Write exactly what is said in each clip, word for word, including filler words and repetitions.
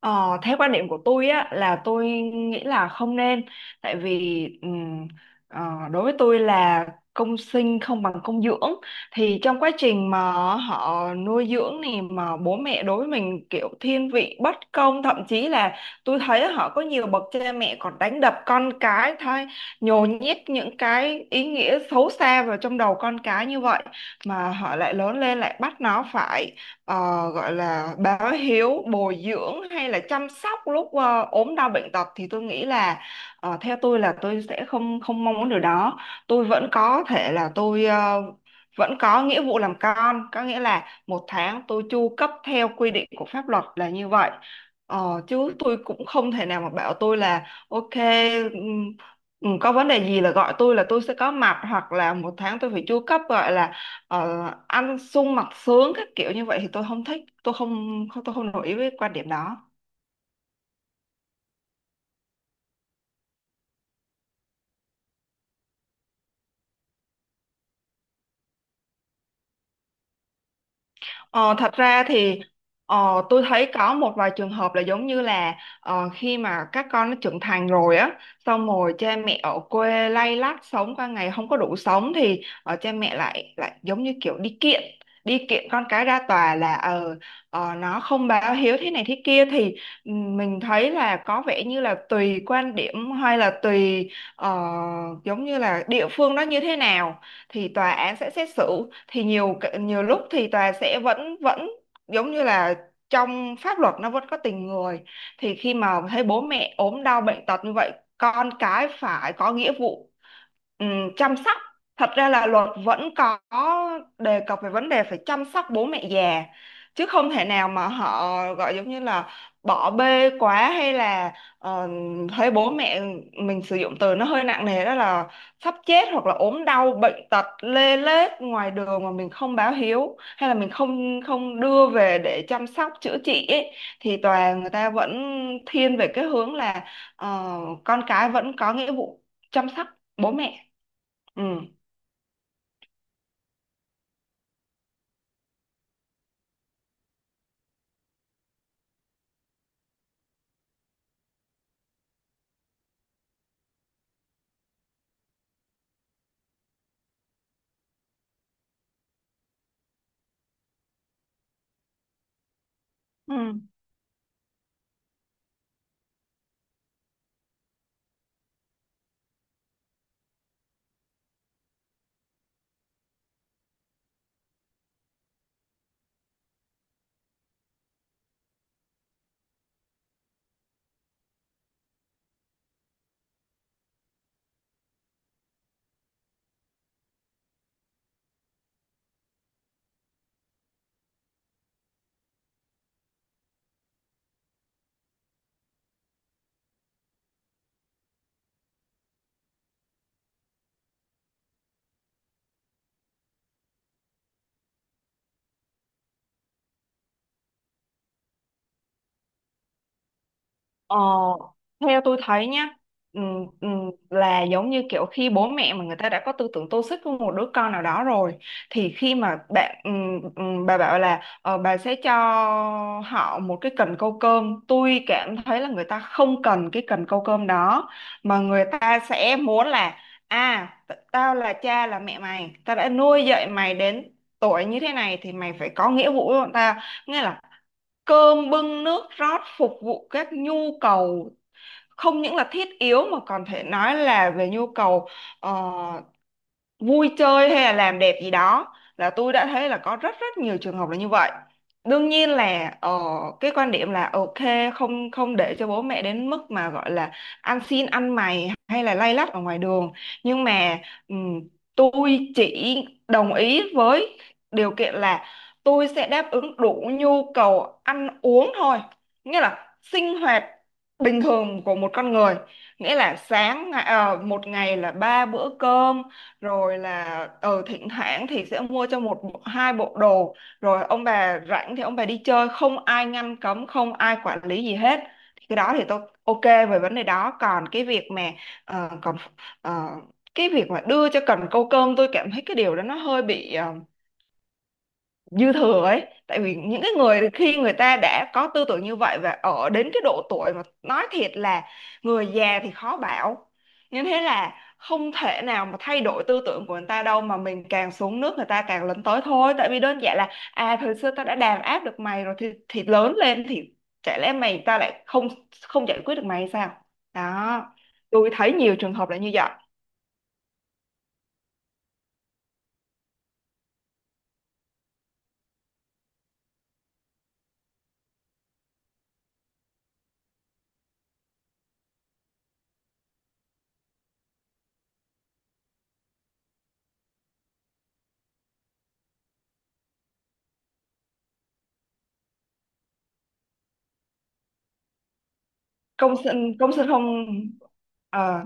Ờ, theo quan điểm của tôi á là tôi nghĩ là không nên, tại vì ừm, ờ, đối với tôi là công sinh không bằng công dưỡng. Thì trong quá trình mà họ nuôi dưỡng này mà bố mẹ đối với mình kiểu thiên vị bất công, thậm chí là tôi thấy họ có nhiều bậc cha mẹ còn đánh đập con cái thôi, nhồi nhét những cái ý nghĩa xấu xa vào trong đầu con cái như vậy, mà họ lại lớn lên lại bắt nó phải ờ, gọi là báo hiếu, bồi dưỡng hay là chăm sóc lúc ờ, ốm đau bệnh tật, thì tôi nghĩ là ờ, theo tôi là tôi sẽ không không mong muốn điều đó. Tôi vẫn có thể là tôi ờ, vẫn có nghĩa vụ làm con, có nghĩa là một tháng tôi chu cấp theo quy định của pháp luật là như vậy. Ờ, chứ tôi cũng không thể nào mà bảo tôi là ok, ừm, ừm, có vấn đề gì là gọi tôi là tôi sẽ có mặt, hoặc là một tháng tôi phải chu cấp gọi là ờ, ăn sung mặc sướng các kiểu như vậy thì tôi không thích, tôi không tôi không nổi ý với quan điểm đó. Ờ, thật ra thì ờ, tôi thấy có một vài trường hợp là giống như là ờ, khi mà các con nó trưởng thành rồi á, xong rồi cha mẹ ở quê lay lắt sống qua ngày không có đủ sống, thì ờ, cha mẹ lại lại giống như kiểu đi kiện, đi kiện con cái ra tòa là ờ ờ, nó không báo hiếu thế này thế kia. Thì ừm, mình thấy là có vẻ như là tùy quan điểm hay là tùy ờ, giống như là địa phương đó như thế nào thì tòa án sẽ xét xử. Thì nhiều nhiều lúc thì tòa sẽ vẫn vẫn giống như là trong pháp luật nó vẫn có tình người, thì khi mà thấy bố mẹ ốm đau bệnh tật như vậy, con cái phải có nghĩa vụ ừm, chăm sóc. Thật ra là luật vẫn có đề cập về vấn đề phải chăm sóc bố mẹ già, chứ không thể nào mà họ gọi giống như là bỏ bê quá, hay là ờ, thấy bố mẹ, mình sử dụng từ nó hơi nặng nề đó là sắp chết hoặc là ốm đau bệnh tật lê lết ngoài đường, mà mình không báo hiếu hay là mình không không đưa về để chăm sóc chữa trị ấy, thì tòa người ta vẫn thiên về cái hướng là ờ, con cái vẫn có nghĩa vụ chăm sóc bố mẹ. Ừ. Ừ. Ờ, theo tôi thấy nhá, ừm, ừm, là giống như kiểu khi bố mẹ mà người ta đã có tư tưởng tô xích với một đứa con nào đó rồi, thì khi mà bạn ừm, ừm, bà bảo là ờ, bà sẽ cho họ một cái cần câu cơm, tôi cảm thấy là người ta không cần cái cần câu cơm đó, mà người ta sẽ muốn là à, t- tao là cha là mẹ mày, tao đã nuôi dạy mày đến tuổi như thế này thì mày phải có nghĩa vụ với bọn tao, nghĩa là cơm bưng nước rót phục vụ các nhu cầu không những là thiết yếu mà còn thể nói là về nhu cầu ờ, vui chơi hay là làm đẹp gì đó. Là tôi đã thấy là có rất rất nhiều trường hợp là như vậy. Đương nhiên là ờ, cái quan điểm là ok, không không để cho bố mẹ đến mức mà gọi là ăn xin ăn mày hay là lay lắt ở ngoài đường, nhưng mà ừm, tôi chỉ đồng ý với điều kiện là tôi sẽ đáp ứng đủ nhu cầu ăn uống thôi, nghĩa là sinh hoạt bình thường của một con người, nghĩa là sáng ngày- ờ, một ngày là ba bữa cơm, rồi là ừ thỉnh thoảng thì sẽ mua cho một bộ- hai bộ đồ, rồi ông bà rảnh thì ông bà đi chơi không ai ngăn cấm không ai quản lý gì hết. Thì cái đó thì tôi ok về vấn đề đó, còn cái việc mà ờ, còn ờ, cái việc mà đưa cho cần câu cơm, tôi cảm thấy cái điều đó nó hơi bị ờ, dư thừa ấy, tại vì những cái người khi người ta đã có tư tưởng như vậy và ở đến cái độ tuổi mà nói thiệt là người già thì khó bảo như thế, là không thể nào mà thay đổi tư tưởng của người ta đâu, mà mình càng xuống nước người ta càng lấn tới thôi, tại vì đơn giản là à, thời xưa tao đã đàn áp được mày rồi, thì, thì lớn lên thì chả lẽ mày ta lại không không giải quyết được mày hay sao. Đó, tôi thấy nhiều trường hợp là như vậy. Công sinh, công sinh không. Ờ,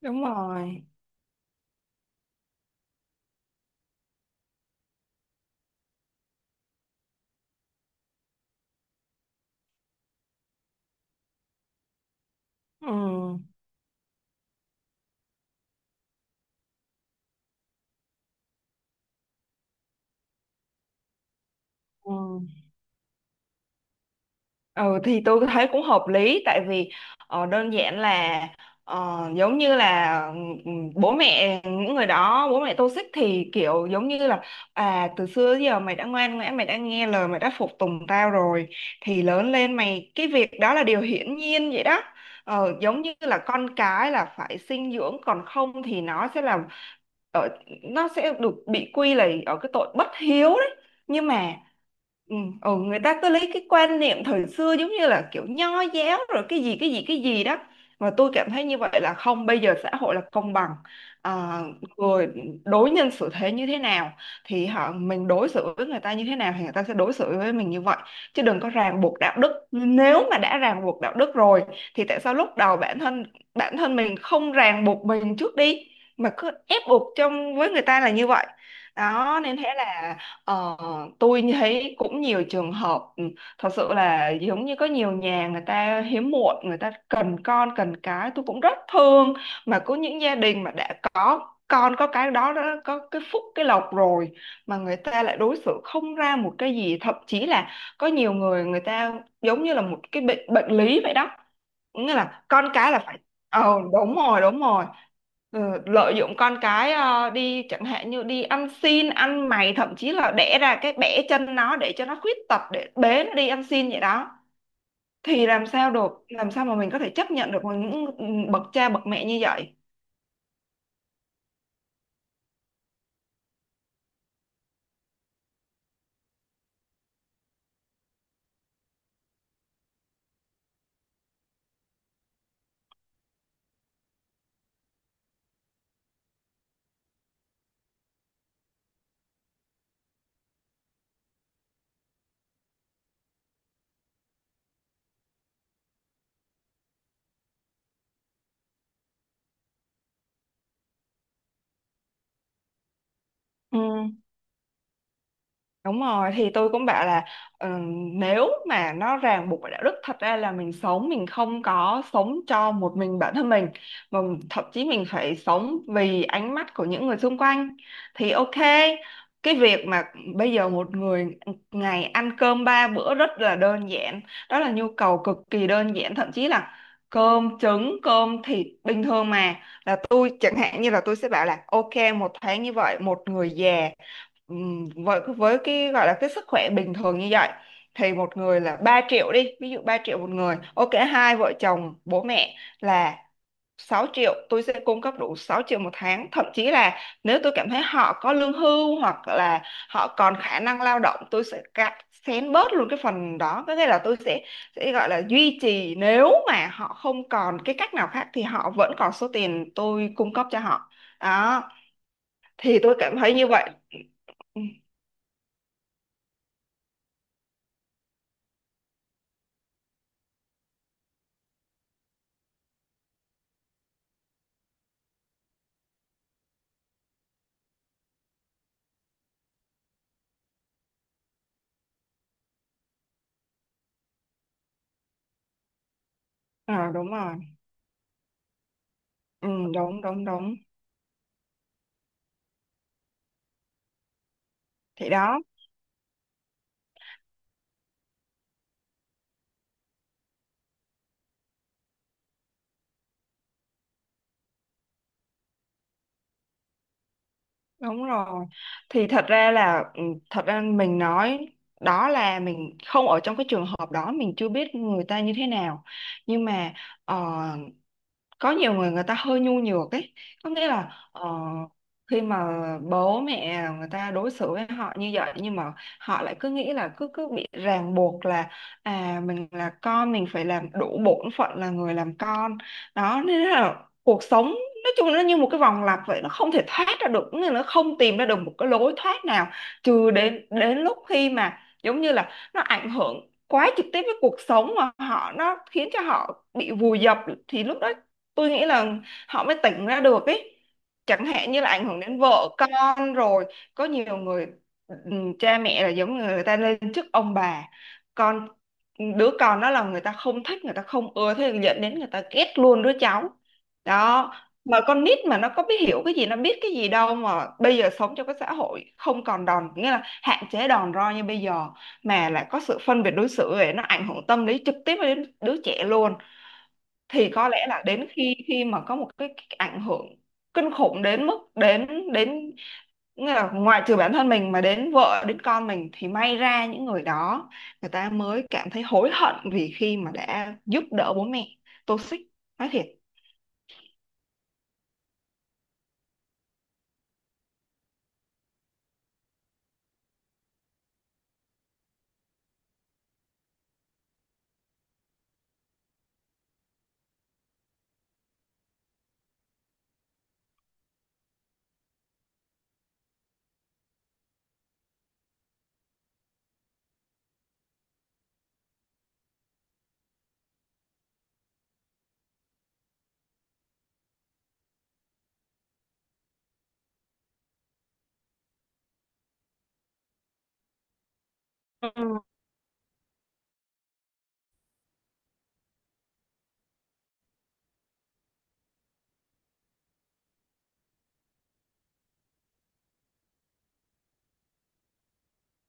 đúng rồi. Ừ. Ừ. Ừ thì tôi thấy cũng hợp lý, tại vì ờ, đơn giản là ờ, giống như là ừm, bố mẹ những người đó, bố mẹ toxic thì kiểu giống như là à, từ xưa đến giờ mày đã ngoan ngoãn mày đã nghe lời mày đã phục tùng tao rồi, thì lớn lên mày, cái việc đó là điều hiển nhiên vậy đó. Ờ, giống như là con cái là phải sinh dưỡng, còn không thì nó sẽ là ở, nó sẽ được bị quy là ở cái tội bất hiếu đấy. Nhưng mà ừ, ừ, người ta cứ lấy cái quan niệm thời xưa giống như là kiểu nho giáo rồi cái gì cái gì cái gì đó, mà tôi cảm thấy như vậy là không, bây giờ xã hội là công bằng. À, người đối nhân xử thế như thế nào, thì họ mình đối xử với người ta như thế nào thì người ta sẽ đối xử với mình như vậy, chứ đừng có ràng buộc đạo đức. Nếu mà đã ràng buộc đạo đức rồi thì tại sao lúc đầu bản thân bản thân mình không ràng buộc mình trước đi, mà cứ ép buộc trong với người ta là như vậy. Đó nên thế là Ờ, tôi thấy cũng nhiều trường hợp ừ, thật sự là giống như có nhiều nhà người ta hiếm muộn, người ta cần con cần cái, tôi cũng rất thương, mà có những gia đình mà đã có con có cái đó, đó có cái phúc cái lộc rồi, mà người ta lại đối xử không ra một cái gì, thậm chí là có nhiều người, người ta giống như là một cái bệnh, bệnh lý vậy đó, nghĩa là con cái là phải. Ờ đúng rồi, đúng rồi. Ừ, lợi dụng con cái ờ, đi chẳng hạn như đi ăn xin ăn mày, thậm chí là đẻ ra cái bẻ chân nó để cho nó khuyết tật để bế nó đi ăn xin vậy đó, thì làm sao được, làm sao mà mình có thể chấp nhận được những bậc cha bậc mẹ như vậy. Ừ. Đúng rồi, thì tôi cũng bảo là ờ, nếu mà nó ràng buộc bởi đạo đức, thật ra là mình sống mình không có sống cho một mình bản thân mình, mà thậm chí mình phải sống vì ánh mắt của những người xung quanh, thì ok, cái việc mà bây giờ một người ngày ăn cơm ba bữa rất là đơn giản, đó là nhu cầu cực kỳ đơn giản, thậm chí là cơm trứng cơm thịt bình thường mà, là tôi chẳng hạn như là tôi sẽ bảo là ok, một tháng như vậy một người già, ừm, với với cái gọi là cái sức khỏe bình thường như vậy, thì một người là ba triệu đi, ví dụ ba triệu một người, ok hai vợ chồng bố mẹ là sáu triệu, tôi sẽ cung cấp đủ sáu triệu một tháng. Thậm chí là nếu tôi cảm thấy họ có lương hưu hoặc là họ còn khả năng lao động, tôi sẽ cắt xén bớt luôn cái phần đó, có nghĩa là tôi sẽ sẽ gọi là duy trì, nếu mà họ không còn cái cách nào khác thì họ vẫn còn số tiền tôi cung cấp cho họ. Đó thì tôi cảm thấy như vậy. Ừ. Ờ đúng rồi. Ừ, đúng đúng đúng. Thì đó, đúng rồi. Thì thật ra là ừ, thật ra mình nói đó là mình không ở trong cái trường hợp đó, mình chưa biết người ta như thế nào. Nhưng mà ờ, có nhiều người, người ta hơi nhu nhược ấy, có nghĩa là ờ, khi mà bố mẹ người ta đối xử với họ như vậy, nhưng mà họ lại cứ nghĩ là cứ cứ bị ràng buộc là à, mình là con mình phải làm đủ bổn phận là người làm con. Đó nên là cuộc sống nói chung nó như một cái vòng lặp vậy, nó không thể thoát ra được, nghĩa là nó không tìm ra được một cái lối thoát nào, trừ đến đến lúc khi mà giống như là nó ảnh hưởng quá trực tiếp với cuộc sống mà họ, nó khiến cho họ bị vùi dập, thì lúc đó tôi nghĩ là họ mới tỉnh ra được ấy, chẳng hạn như là ảnh hưởng đến vợ con rồi. Có nhiều người ừ, cha mẹ là giống như người ta lên chức ông bà, con, đứa con đó là người ta không thích người ta không ưa, thế là dẫn đến người ta ghét luôn đứa cháu đó, mà con nít mà nó có biết hiểu cái gì, nó biết cái gì đâu, mà bây giờ sống trong cái xã hội không còn đòn, nghĩa là hạn chế đòn roi như bây giờ, mà lại có sự phân biệt đối xử ấy, nó ảnh hưởng tâm lý trực tiếp đến đứa trẻ luôn. Thì có lẽ là đến khi khi mà có một cái, cái ảnh hưởng kinh khủng đến mức đến đến nghĩa là ngoại trừ bản thân mình mà đến vợ đến con mình, thì may ra những người đó, người ta mới cảm thấy hối hận vì khi mà đã giúp đỡ bố mẹ toxic, nói thiệt. Ừ,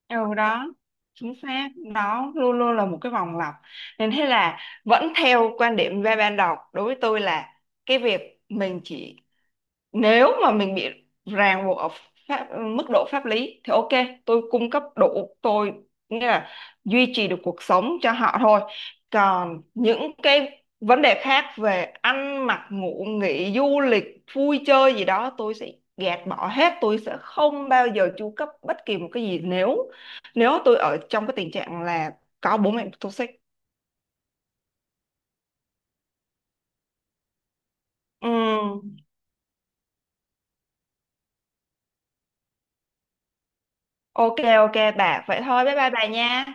ừ. Đó, chính xác đó, luôn luôn là một cái vòng lặp, nên thế là vẫn theo quan điểm về ban đầu, đối với tôi là cái việc mình chỉ, nếu mà mình bị ràng buộc ở pháp, mức độ pháp lý, thì ok tôi cung cấp đủ, tôi nghĩa là duy trì được cuộc sống cho họ thôi, còn những cái vấn đề khác về ăn mặc ngủ nghỉ du lịch vui chơi gì đó, tôi sẽ gạt bỏ hết, tôi sẽ không bao giờ chu cấp bất kỳ một cái gì nếu, nếu tôi ở trong cái tình trạng là có bố mẹ toxic. Ừ, ok ok bà, vậy thôi bye bye bà nha.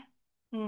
Ừ.